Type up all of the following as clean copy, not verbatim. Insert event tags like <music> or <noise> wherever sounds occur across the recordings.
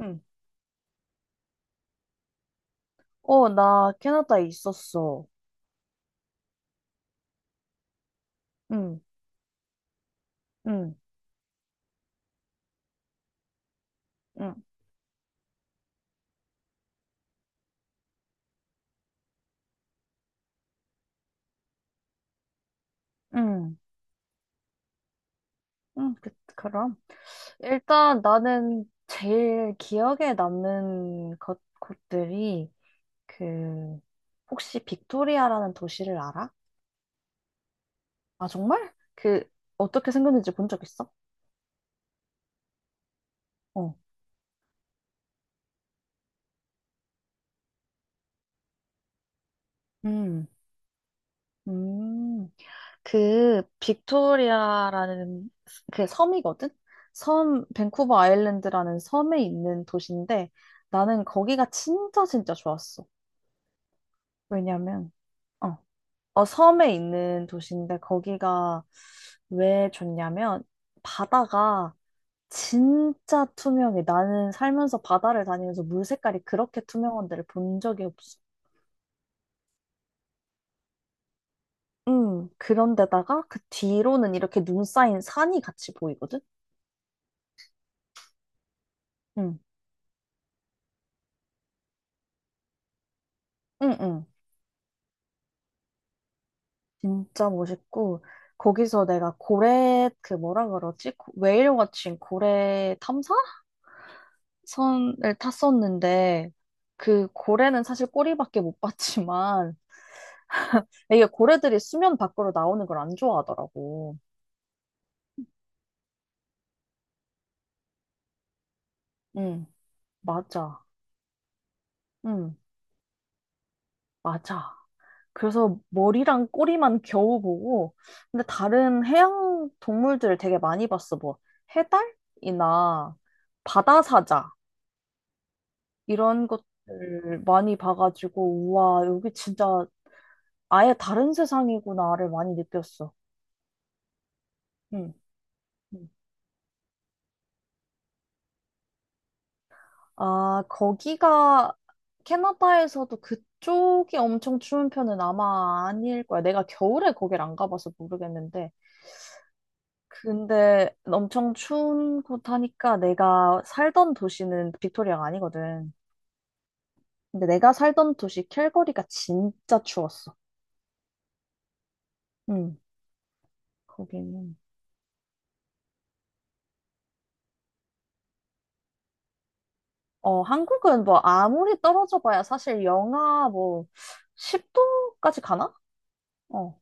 응. 어, 나 캐나다에 있었어. 응, 응, 응, 응, 응. 그럼. 일단 나는 제일 기억에 남는 것, 곳들이, 그, 혹시 빅토리아라는 도시를 알아? 아, 정말? 어떻게 생겼는지 본 적 있어? 어. 음, 음. 그 빅토리아라는 그 섬이거든? 섬, 밴쿠버 아일랜드라는 섬에 있는 도시인데 나는 거기가 진짜 진짜 좋았어. 왜냐면 어, 섬에 있는 도시인데 거기가 왜 좋냐면 바다가 진짜 투명해. 나는 살면서 바다를 다니면서 물 색깔이 그렇게 투명한 데를 본 적이 없어. 그런데다가 그 뒤로는 이렇게 눈 쌓인 산이 같이 보이거든? 응, 응, 응. 진짜 멋있고 거기서 내가 고래 그 뭐라 그러지? Whal 고래 탐사선을 탔었는데 그 고래는 사실 꼬리밖에 못 봤지만 이게 고래들이 수면 밖으로 나오는 걸 안 좋아하더라고. 응, 맞아. 응, 맞아. 그래서 머리랑 꼬리만 겨우 보고 근데 다른 해양 동물들을 되게 많이 봤어. 뭐 해달이나 바다사자 이런 것들 많이 봐가지고, 우와, 여기 진짜 아예 다른 세상이구나를 많이 느꼈어. 응. 응. 아, 거기가 캐나다에서도 그쪽이 엄청 추운 편은 아마 아닐 거야. 내가 겨울에 거길 안 가봐서 모르겠는데. 근데 엄청 추운 곳 하니까 내가 살던 도시는 빅토리아가 아니거든. 근데 내가 살던 도시 캘거리가 진짜 추웠어. 응. 거기는. 어, 한국은 뭐 아무리 떨어져 봐야 사실 영하 뭐 10도까지 가나? 어,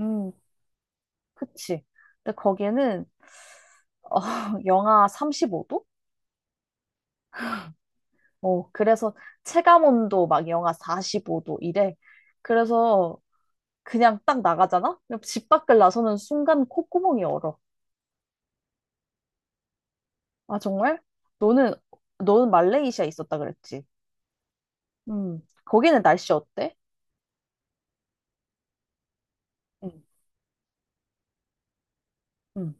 음, 그치. 근데 거기는 어, <laughs> 영하 35도? 어, 그래서 체감 온도 막 영하 45도 이래. 그래서 그냥 딱 나가잖아? 그럼 집 밖을 나서는 순간 콧구멍이 얼어. 아, 정말? 너는, 너는 말레이시아에 있었다 그랬지? 음, 거기는 날씨 어때? 응, 응.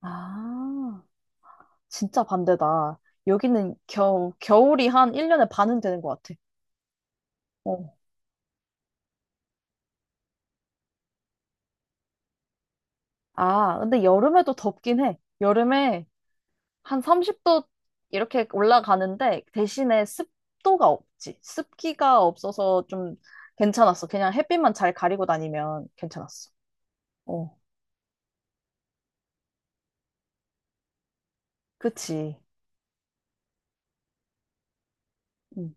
아. 진짜 반대다. 여기는 겨울이 한 1년에 반은 되는 것 같아. 어. 아, 근데 여름에도 덥긴 해. 여름에 한 30도 이렇게 올라가는데 대신에 습도가 없지. 습기가 없어서 좀 괜찮았어. 그냥 햇빛만 잘 가리고 다니면 괜찮았어. 어, 그치. 음,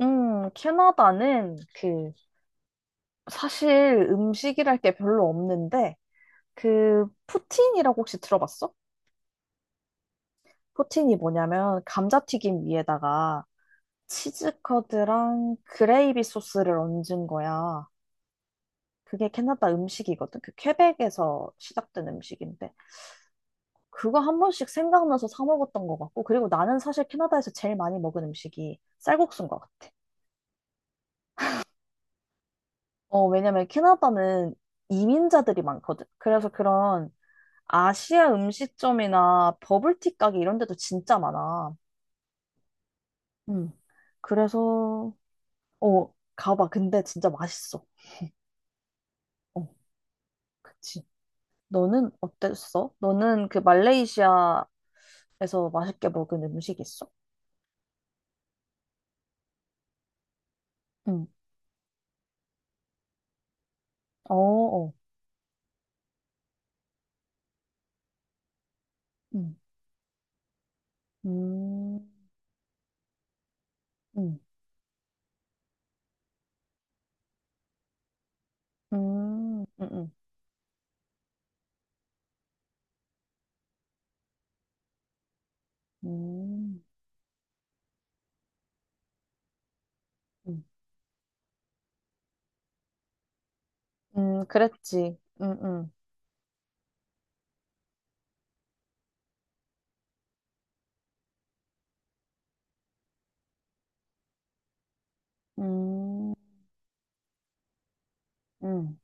캐나다는 그 사실 음식이랄 게 별로 없는데 그 푸틴이라고 혹시 들어봤어? 포틴이 뭐냐면 감자튀김 위에다가 치즈커드랑 그레이비 소스를 얹은 거야. 그게 캐나다 음식이거든. 그 퀘벡에서 시작된 음식인데 그거 한 번씩 생각나서 사 먹었던 것 같고 그리고 나는 사실 캐나다에서 제일 많이 먹은 음식이 쌀국수인 것 같아. 어, 왜냐면 캐나다는 이민자들이 많거든. 그래서 그런 아시아 음식점이나 버블티 가게 이런 데도 진짜 많아. 음. 그래서 어, 가봐. 근데 진짜 맛있어. 어, 그치. 너는 어땠어? 너는 그 말레이시아에서 맛있게 먹은 음식 있어? 응. 어, 어. 응. 음, 응. 응, 응. 음, 응. 그랬지. 응, 응. 음, 응,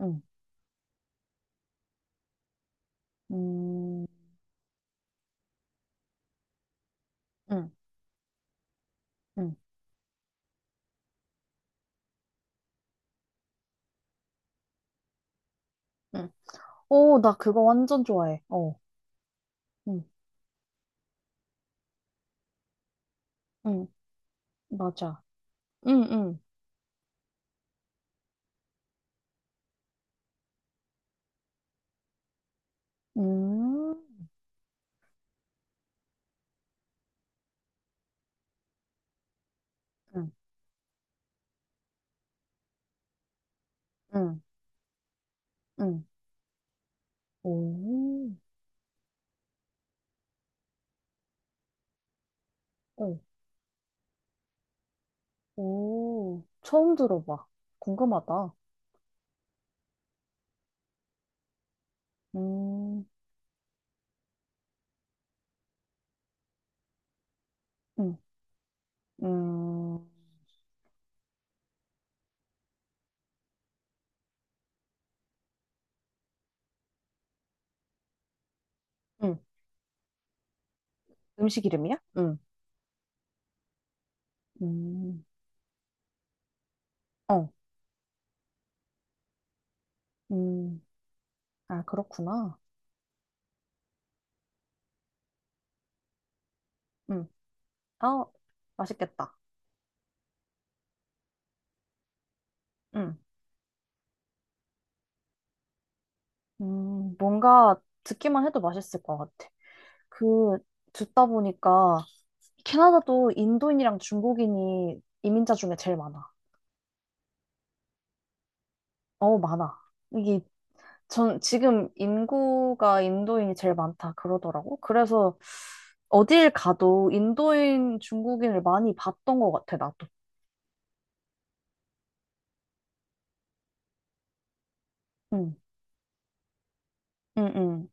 응. 음, 응, 응, 응. 오, 나 그거 완전 좋아해. 어. 응, 응. 맞아. 응, 응. 음, 응, 응, 응. 오, 어. 오, 처음 들어봐. 궁금하다. 음, 음, 음, 음, 음식 이름이야? 음, 어, 음, 아, 그렇구나. 음, 아, 맛있겠다. 음, 뭔가 듣기만 해도 맛있을 것 같아. 그, 듣다 보니까 캐나다도 인도인이랑 중국인이 이민자 중에 제일 많아. 어, 많아. 이게 전 지금 인구가 인도인이 제일 많다 그러더라고. 그래서 어딜 가도 인도인 중국인을 많이 봤던 것 같아, 나도. 응, 응, 응.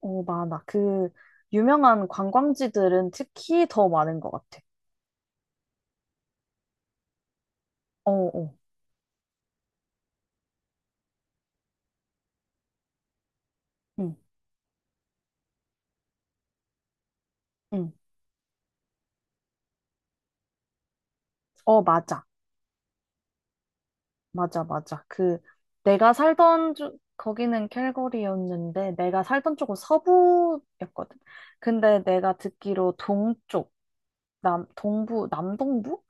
어, 많아. 그 유명한 관광지들은 특히 더 많은 것 같아. 어, 어, 응, 응. 어, 맞아. 맞아, 맞아. 그 내가 살던 주, 거기는 캘거리였는데 내가 살던 쪽은 서부였거든. 근데 내가 듣기로 동쪽. 동부, 남동부?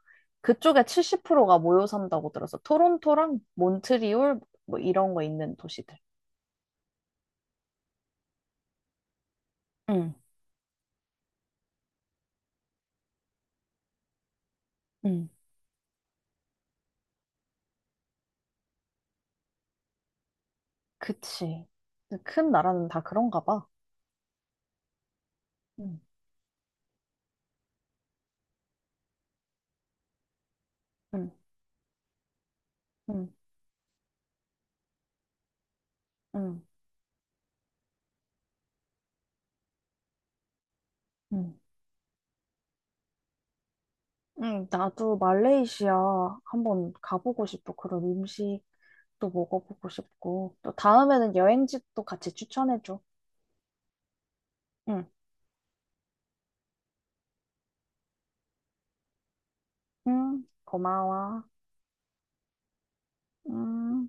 그쪽에 70%가 모여 산다고 들었어. 토론토랑 몬트리올, 뭐 이런 거 있는 도시들. 응, 응, 그치. 큰 나라는 다 그런가 봐. 응, 응, 응, 응, 응. 응, 나도 말레이시아 한번 가보고 싶어. 그런 음식도 먹어보고 싶고. 또 다음에는 여행지도 같이 추천해줘. 응, 응, 고마워. 음.